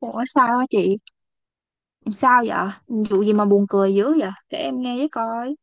Ủa sao á chị? Sao vậy? Vụ gì mà buồn cười dữ vậy? Để em nghe với coi.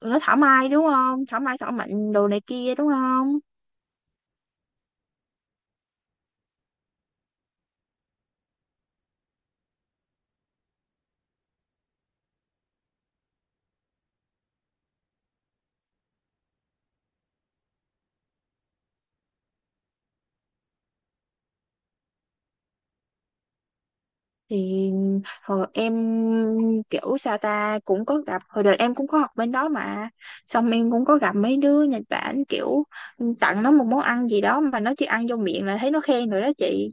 Tụi nó thảo mai đúng không? Thảo mai thảo mạnh đồ này kia đúng không? Thì hồi em kiểu sao ta cũng có gặp, hồi đời em cũng có học bên đó mà, xong em cũng có gặp mấy đứa Nhật Bản kiểu tặng nó một món ăn gì đó mà nó chỉ ăn vô miệng là thấy nó khen rồi đó chị.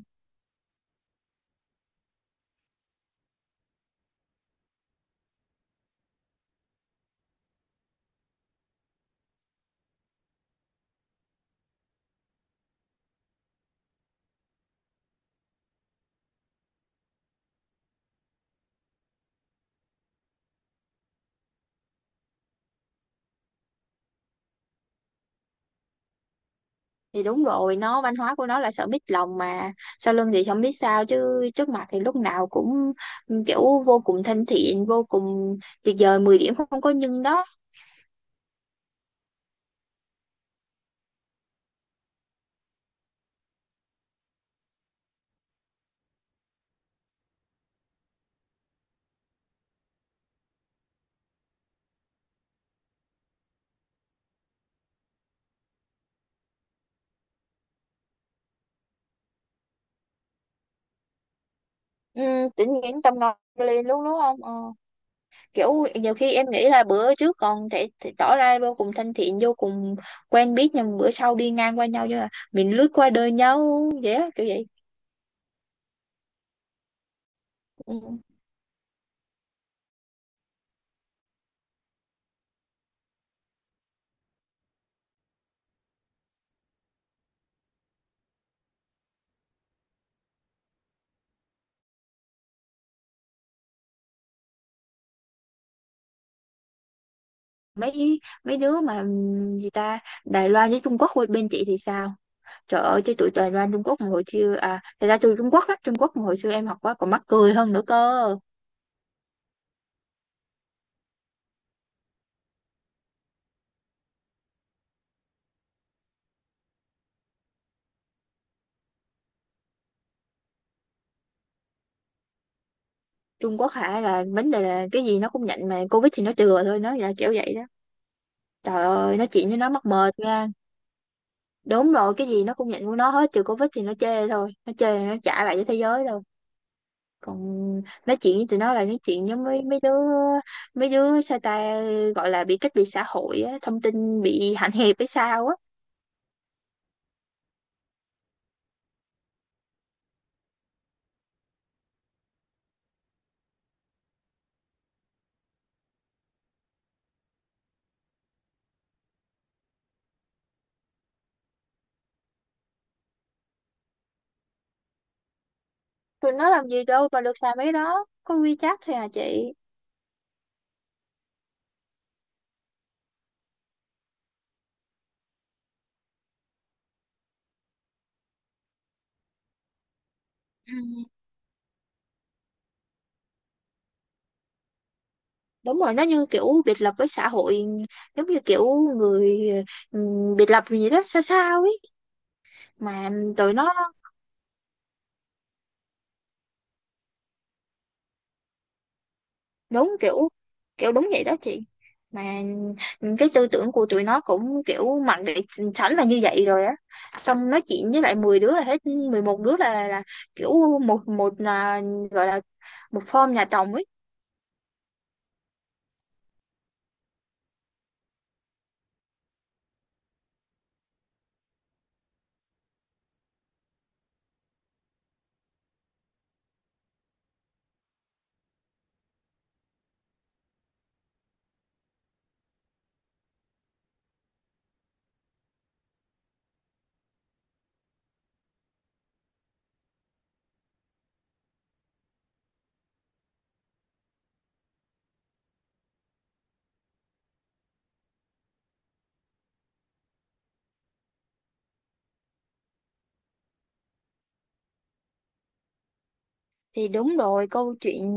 Thì đúng rồi, nó văn hóa của nó là sợ mít lòng mà, sau lưng thì không biết sao chứ trước mặt thì lúc nào cũng kiểu vô cùng thân thiện, vô cùng tuyệt vời 10 điểm không có nhưng đó. Ừ, tự nhiên tâm ngọt lên luôn đúng không ờ. Kiểu nhiều khi em nghĩ là bữa trước còn thể tỏ ra vô cùng thân thiện, vô cùng quen biết, nhưng bữa sau đi ngang qua nhau như là mình lướt qua đời nhau vậy á, kiểu vậy. Ừ. mấy mấy đứa mà gì ta, Đài Loan với Trung Quốc bên chị thì sao? Trời ơi, chứ tụi Đài Loan Trung Quốc mà hồi xưa à, thật ra tôi Trung Quốc á, Trung Quốc mà hồi xưa em học quá còn mắc cười hơn nữa cơ. Trung Quốc hả, là vấn đề là cái gì nó cũng nhận mà Covid thì nó chừa thôi, nó là kiểu vậy đó. Trời ơi, nói chuyện với nó mắc mệt nha. Đúng rồi, cái gì nó cũng nhận của nó hết, trừ Covid thì nó chê thôi, nó chê nó trả lại cho thế giới đâu. Còn nói chuyện với tụi nó là nói chuyện với mấy mấy đứa sao ta gọi là bị cách biệt xã hội á, thông tin bị hạn hẹp hay sao á. Tụi nó làm gì đâu mà được xài mấy đó, có WeChat thôi à chị. Ừ. Đúng rồi, nó như kiểu biệt lập với xã hội, giống như kiểu người, ừ, biệt lập gì đó sao sao ấy. Mà tụi nó đúng kiểu kiểu đúng vậy đó chị. Mà cái tư tưởng của tụi nó cũng kiểu mặc định sẵn là như vậy rồi á, xong nói chuyện với lại 10 đứa là hết 11 đứa là kiểu một một là gọi là một form nhà chồng ấy. Thì đúng rồi, câu chuyện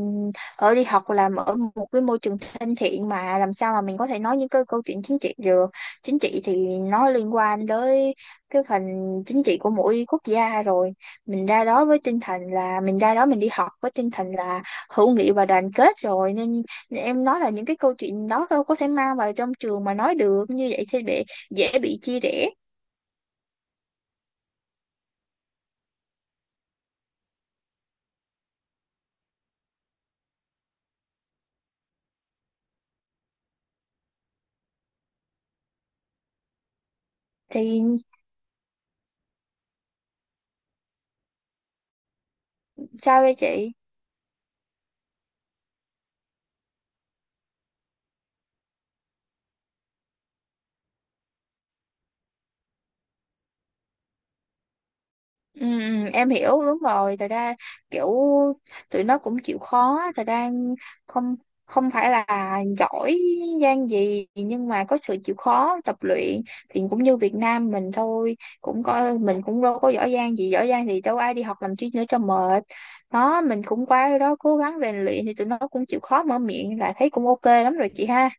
ở đi học làm ở một cái môi trường thân thiện mà làm sao mà mình có thể nói những cái câu chuyện chính trị được. Chính trị thì nó liên quan tới cái phần chính trị của mỗi quốc gia rồi, mình ra đó với tinh thần là mình ra đó mình đi học với tinh thần là hữu nghị và đoàn kết rồi, nên em nói là những cái câu chuyện đó đâu có thể mang vào trong trường mà nói được, như vậy thì bị dễ bị chia rẽ. Thì sao vậy chị? Ừ, ừ, em hiểu, đúng rồi thật ra kiểu tụi nó cũng chịu khó, thật ra không không phải là giỏi giang gì nhưng mà có sự chịu khó tập luyện, thì cũng như Việt Nam mình thôi cũng coi, mình cũng đâu có giỏi giang gì, giỏi giang thì đâu ai đi học làm chi nữa cho mệt. Đó mình cũng qua đó cố gắng rèn luyện thì tụi nó cũng chịu khó, mở miệng là thấy cũng ok lắm rồi chị ha.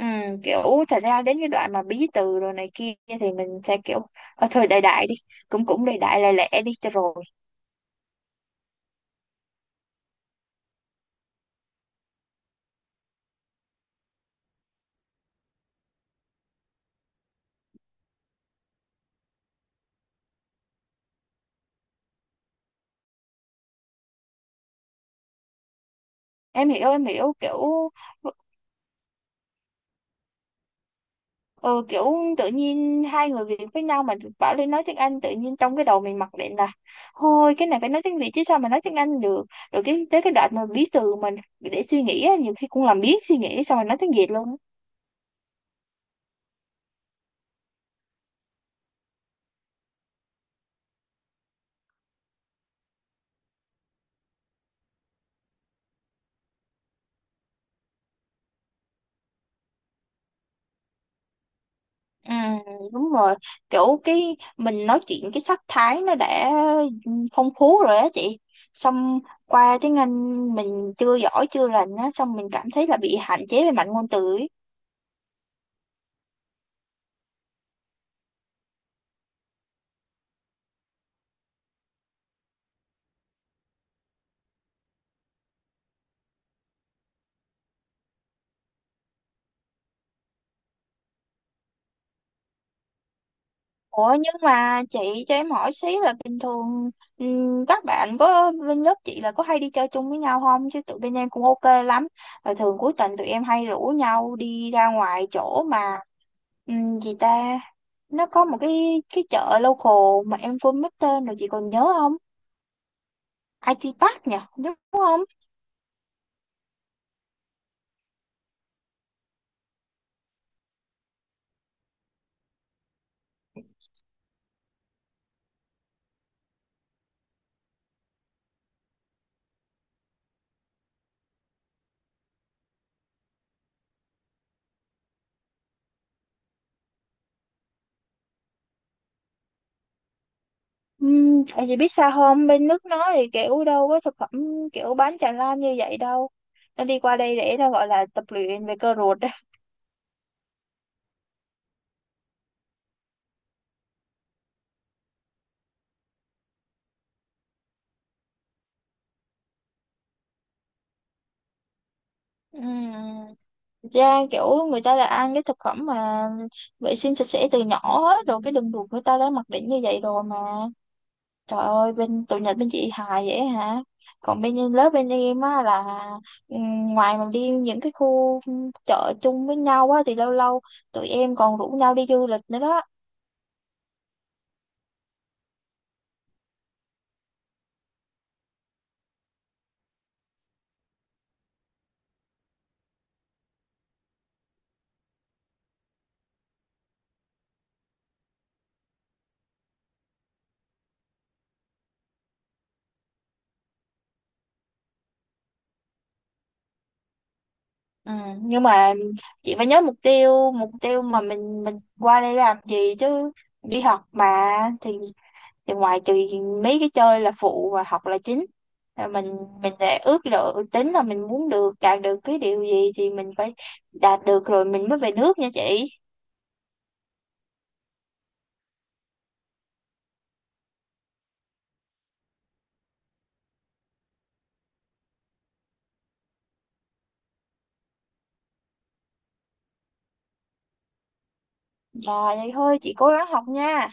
Ừ, kiểu thật ra đến cái đoạn mà bí từ rồi này kia thì mình sẽ kiểu thôi đại đại đi, cũng cũng đại đại lẹ lẹ đi cho rồi. Em hiểu em hiểu kiểu, ừ, kiểu tự nhiên hai người Việt với nhau mà bảo lên nói tiếng Anh, tự nhiên trong cái đầu mình mặc định là thôi cái này phải nói tiếng Việt chứ sao mà nói tiếng Anh được, rồi cái tới cái đoạn mà bí từ mình để suy nghĩ á, nhiều khi cũng làm biến suy nghĩ xong rồi nói tiếng Việt luôn á. Ừ, đúng rồi, kiểu cái mình nói chuyện cái sắc thái nó đã phong phú rồi á chị, xong qua tiếng Anh mình chưa giỏi chưa lành á, xong mình cảm thấy là bị hạn chế về mặt ngôn từ ấy. Ủa nhưng mà chị cho em hỏi xí là bình thường các bạn có bên lớp chị là có hay đi chơi chung với nhau không? Chứ tụi bên em cũng ok lắm. Là thường cuối tuần tụi em hay rủ nhau đi ra ngoài chỗ mà gì ta? Nó có một cái chợ local mà em quên mất tên rồi chị còn nhớ không? IT Park nhỉ, đúng không? Tại vì biết sao không, bên nước nó thì kiểu đâu có thực phẩm kiểu bán tràn lan như vậy đâu. Nó đi qua đây để nó gọi là tập luyện về cơ ruột đó. Ừm, ra kiểu người ta là ăn cái thực phẩm mà vệ sinh sạch sẽ từ nhỏ hết rồi, cái đường ruột người ta đã mặc định như vậy rồi mà. Trời ơi bên tụi Nhật bên chị hài vậy hả? Còn bên lớp bên em á là ngoài mà đi những cái khu chợ chung với nhau á thì lâu lâu tụi em còn rủ nhau đi du lịch nữa đó. Ừ, nhưng mà chị phải nhớ mục tiêu mà mình qua đây làm gì chứ? Đi học mà thì thì ngoài trừ mấy cái chơi là phụ và học là chính, là mình đã ước lượng tính là mình muốn được đạt được cái điều gì thì mình phải đạt được rồi mình mới về nước nha chị. Rồi vậy thôi chị cố gắng học nha.